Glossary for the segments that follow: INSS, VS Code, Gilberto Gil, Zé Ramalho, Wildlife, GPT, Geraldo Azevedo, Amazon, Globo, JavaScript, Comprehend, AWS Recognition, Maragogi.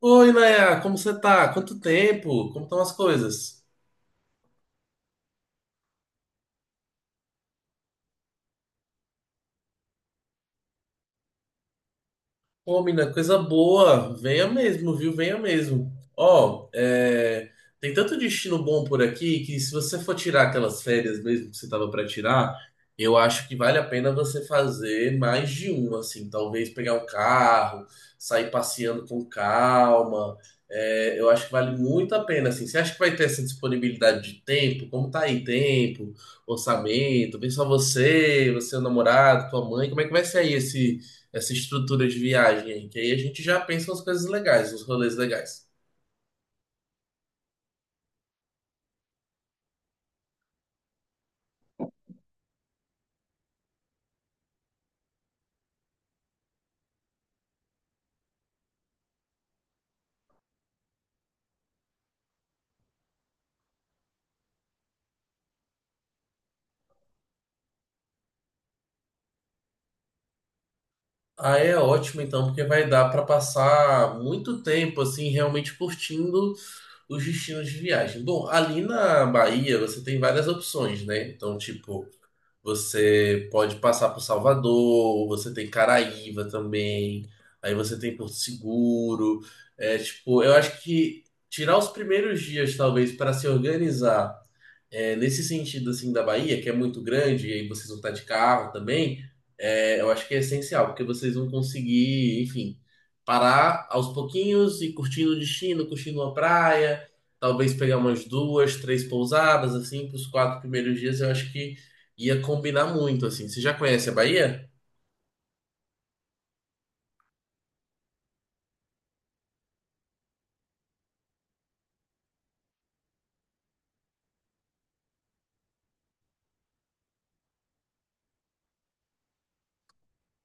Oi, Nayá, como você tá? Quanto tempo? Como estão as coisas? Ô, mina, coisa boa. Venha mesmo, viu? Venha mesmo. Ó, é, tem tanto destino bom por aqui que se você for tirar aquelas férias mesmo que você tava pra tirar, eu acho que vale a pena você fazer mais de um, assim. Talvez pegar um carro, sair passeando com calma. É, eu acho que vale muito a pena, assim. Você acha que vai ter essa disponibilidade de tempo? Como tá aí tempo, orçamento? Vem só você, você, o namorado, tua mãe. Como é que vai ser aí esse essa estrutura de viagem aí, que aí a gente já pensa nas coisas legais, nos rolês legais. Aí é ótimo então, porque vai dar para passar muito tempo assim realmente curtindo os destinos de viagem. Bom, ali na Bahia você tem várias opções, né? Então, tipo, você pode passar por Salvador, você tem Caraíva também, aí você tem Porto Seguro. É, tipo, eu acho que tirar os primeiros dias, talvez, para se organizar. É, nesse sentido, assim, da Bahia, que é muito grande, e aí vocês vão estar de carro também, é, eu acho que é essencial, porque vocês vão conseguir, enfim, parar aos pouquinhos e curtindo o destino, curtindo a praia, talvez pegar umas duas, três pousadas, assim, para os quatro primeiros dias, eu acho que ia combinar muito, assim. Você já conhece a Bahia?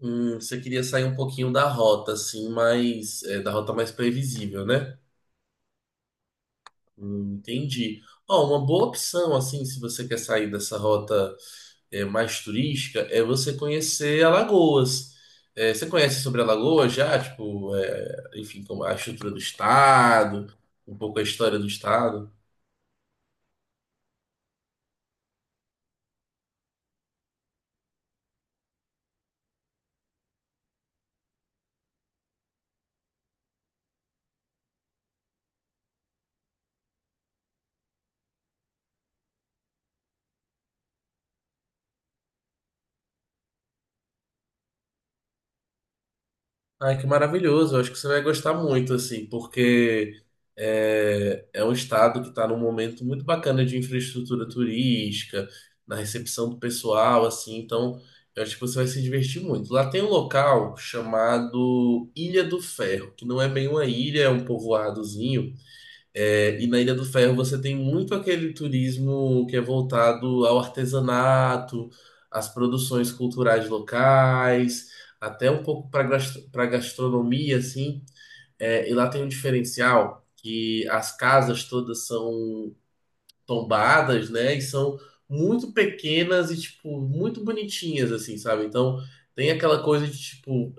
Você queria sair um pouquinho da rota, assim, mais, é, da rota mais previsível, né? Entendi. Ó, uma boa opção, assim, se você quer sair dessa rota é, mais turística é você conhecer Alagoas. É, você conhece sobre Alagoas já? Tipo, é, enfim, como a estrutura do estado, um pouco a história do estado. Ai, que maravilhoso! Eu acho que você vai gostar muito, assim, porque é, é um estado que está num momento muito bacana de infraestrutura turística, na recepção do pessoal, assim, então eu acho que você vai se divertir muito. Lá tem um local chamado Ilha do Ferro, que não é bem uma ilha, é um povoadozinho. É, e na Ilha do Ferro você tem muito aquele turismo que é voltado ao artesanato, às produções culturais locais, até um pouco para gastronomia, assim. É, e lá tem um diferencial que as casas todas são tombadas, né? E são muito pequenas e, tipo, muito bonitinhas, assim, sabe? Então tem aquela coisa de, tipo,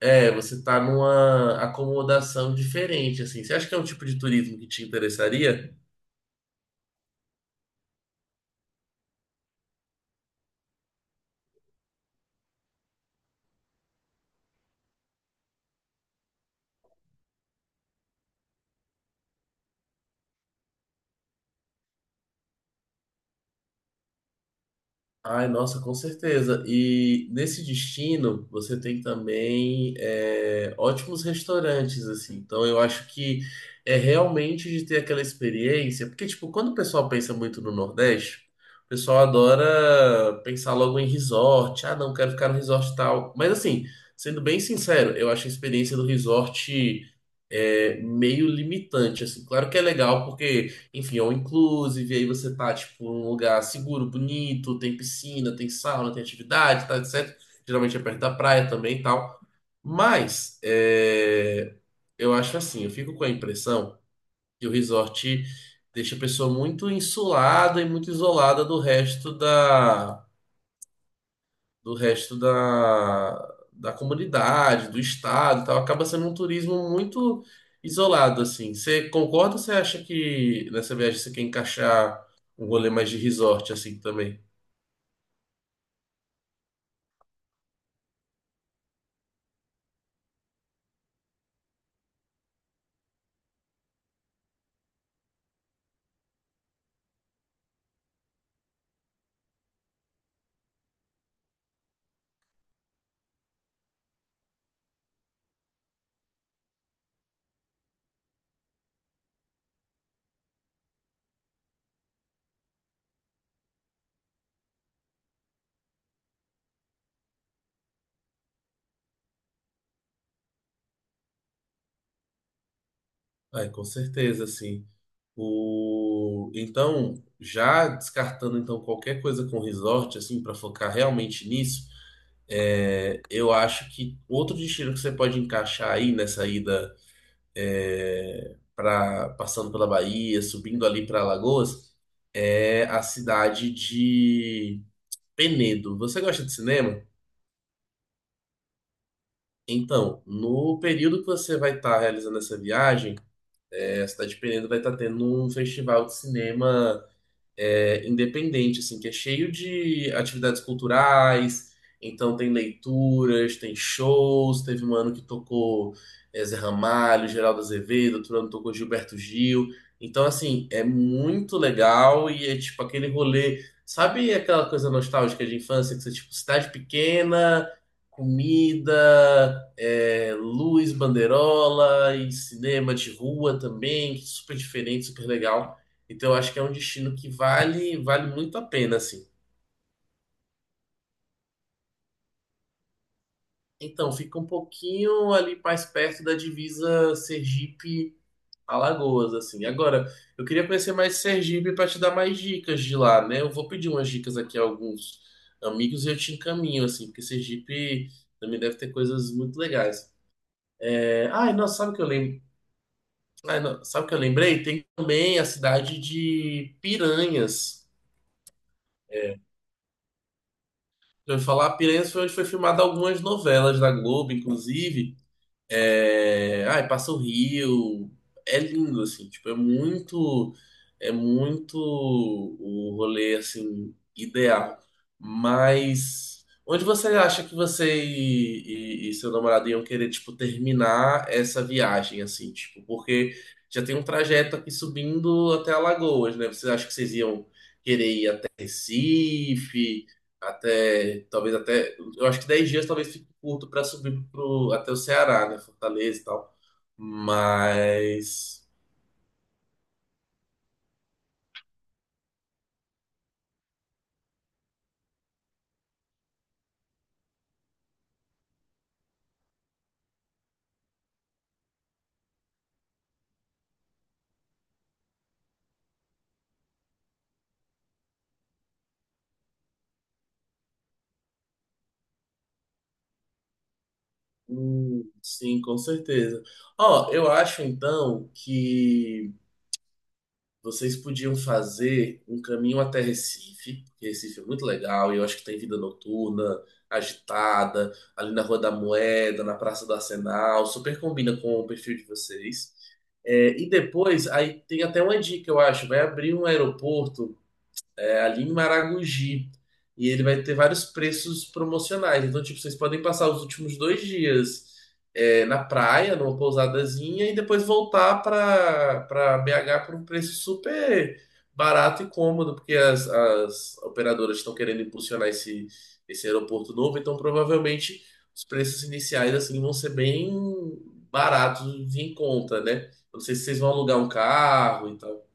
é, você tá numa acomodação diferente, assim. Você acha que é um tipo de turismo que te interessaria? Ai, nossa, com certeza. E nesse destino, você tem também é, ótimos restaurantes, assim. Então, eu acho que é realmente de ter aquela experiência. Porque, tipo, quando o pessoal pensa muito no Nordeste, o pessoal adora pensar logo em resort. Ah, não, quero ficar no resort tal. Mas, assim, sendo bem sincero, eu acho a experiência do resort é, meio limitante, assim. Claro que é legal, porque. Enfim, ou inclusive, aí você tá, tipo, num lugar seguro, bonito, tem piscina, tem sauna, tem atividade, tá, etc. Geralmente é perto da praia também e tal. Mas, é, eu acho assim, eu fico com a impressão que o resort deixa a pessoa muito insulada e muito isolada do resto da do resto da, da comunidade, do estado, e tal, acaba sendo um turismo muito isolado assim. Você concorda ou você acha que nessa viagem você quer encaixar um rolê mais de resort assim também? Ai, com certeza, sim. O então, já descartando então qualquer coisa com resort assim para focar realmente nisso, é, eu acho que outro destino que você pode encaixar aí nessa ida é, pra, passando pela Bahia, subindo ali para Alagoas, é a cidade de Penedo. Você gosta de cinema? Então, no período que você vai estar realizando essa viagem, é, a cidade de Penedo vai estar tendo um festival de cinema é, independente, assim, que é cheio de atividades culturais. Então tem leituras, tem shows. Teve um ano que tocou é, Zé Ramalho, Geraldo Azevedo, outro ano tocou Gilberto Gil. Então, assim, é muito legal e é tipo aquele rolê. Sabe aquela coisa nostálgica de infância que você, tipo, cidade pequena, comida, é, luz, banderola e cinema de rua também, super diferente, super legal. Então, eu acho que é um destino que vale, vale muito a pena, assim. Então, fica um pouquinho ali mais perto da divisa Sergipe-Alagoas, assim. Agora, eu queria conhecer mais Sergipe para te dar mais dicas de lá, né? Eu vou pedir umas dicas aqui a alguns amigos e eu te encaminho, assim, porque Sergipe também deve ter coisas muito legais. É, ai, nossa, sabe o que eu lembro? Ai, não, sabe o que eu lembrei? Tem também a cidade de Piranhas. Eu ia falar, Piranhas foi onde foi filmada algumas novelas da Globo, inclusive. É, ai, passa o rio. É lindo, assim, tipo, é muito o rolê, assim, ideal. Mas onde você acha que você e seu namorado iam querer, tipo, terminar essa viagem, assim, tipo, porque já tem um trajeto aqui subindo até Alagoas, né? Você acha que vocês iam querer ir até Recife? Até, talvez até, eu acho que 10 dias talvez fique curto para subir pro, até o Ceará, né? Fortaleza e tal. Mas, sim, com certeza. Ó, eu acho então que vocês podiam fazer um caminho até Recife, porque Recife é muito legal e eu acho que tem vida noturna, agitada, ali na Rua da Moeda, na Praça do Arsenal, super combina com o perfil de vocês. É, e depois, aí tem até uma dica, eu acho, vai abrir um aeroporto é ali em Maragogi. E ele vai ter vários preços promocionais. Então, tipo, vocês podem passar os últimos 2 dias é, na praia, numa pousadazinha, e depois voltar para BH por um preço super barato e cômodo, porque as operadoras estão querendo impulsionar esse aeroporto novo. Então, provavelmente, os preços iniciais assim vão ser bem baratos e em conta, né? Eu não sei se vocês vão alugar um carro e tal.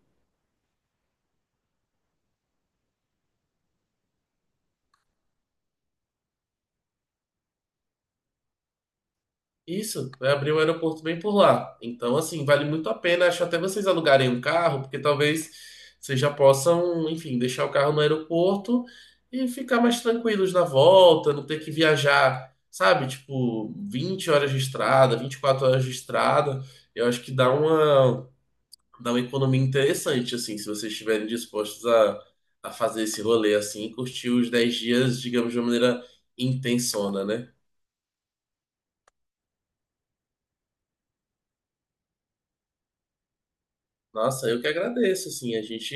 Isso, vai abrir um aeroporto bem por lá. Então, assim, vale muito a pena. Acho até vocês alugarem um carro, porque talvez vocês já possam, enfim, deixar o carro no aeroporto e ficar mais tranquilos na volta, não ter que viajar, sabe? Tipo, 20 horas de estrada, 24 horas de estrada. Eu acho que dá uma economia interessante, assim, se vocês estiverem dispostos a fazer esse rolê, assim, e curtir os 10 dias, digamos, de uma maneira intensona, né? Nossa, eu que agradeço, assim, a gente,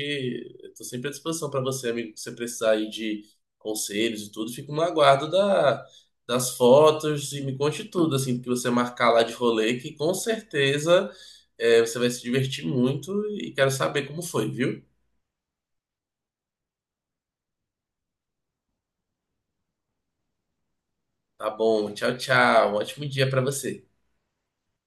eu tô sempre à disposição para você, amigo, se você precisar aí de conselhos e tudo, fico no aguardo da, das fotos e me conte tudo, assim, que você marcar lá de rolê, que com certeza é, você vai se divertir muito e quero saber como foi, viu? Tá bom, tchau, tchau, um ótimo dia para você.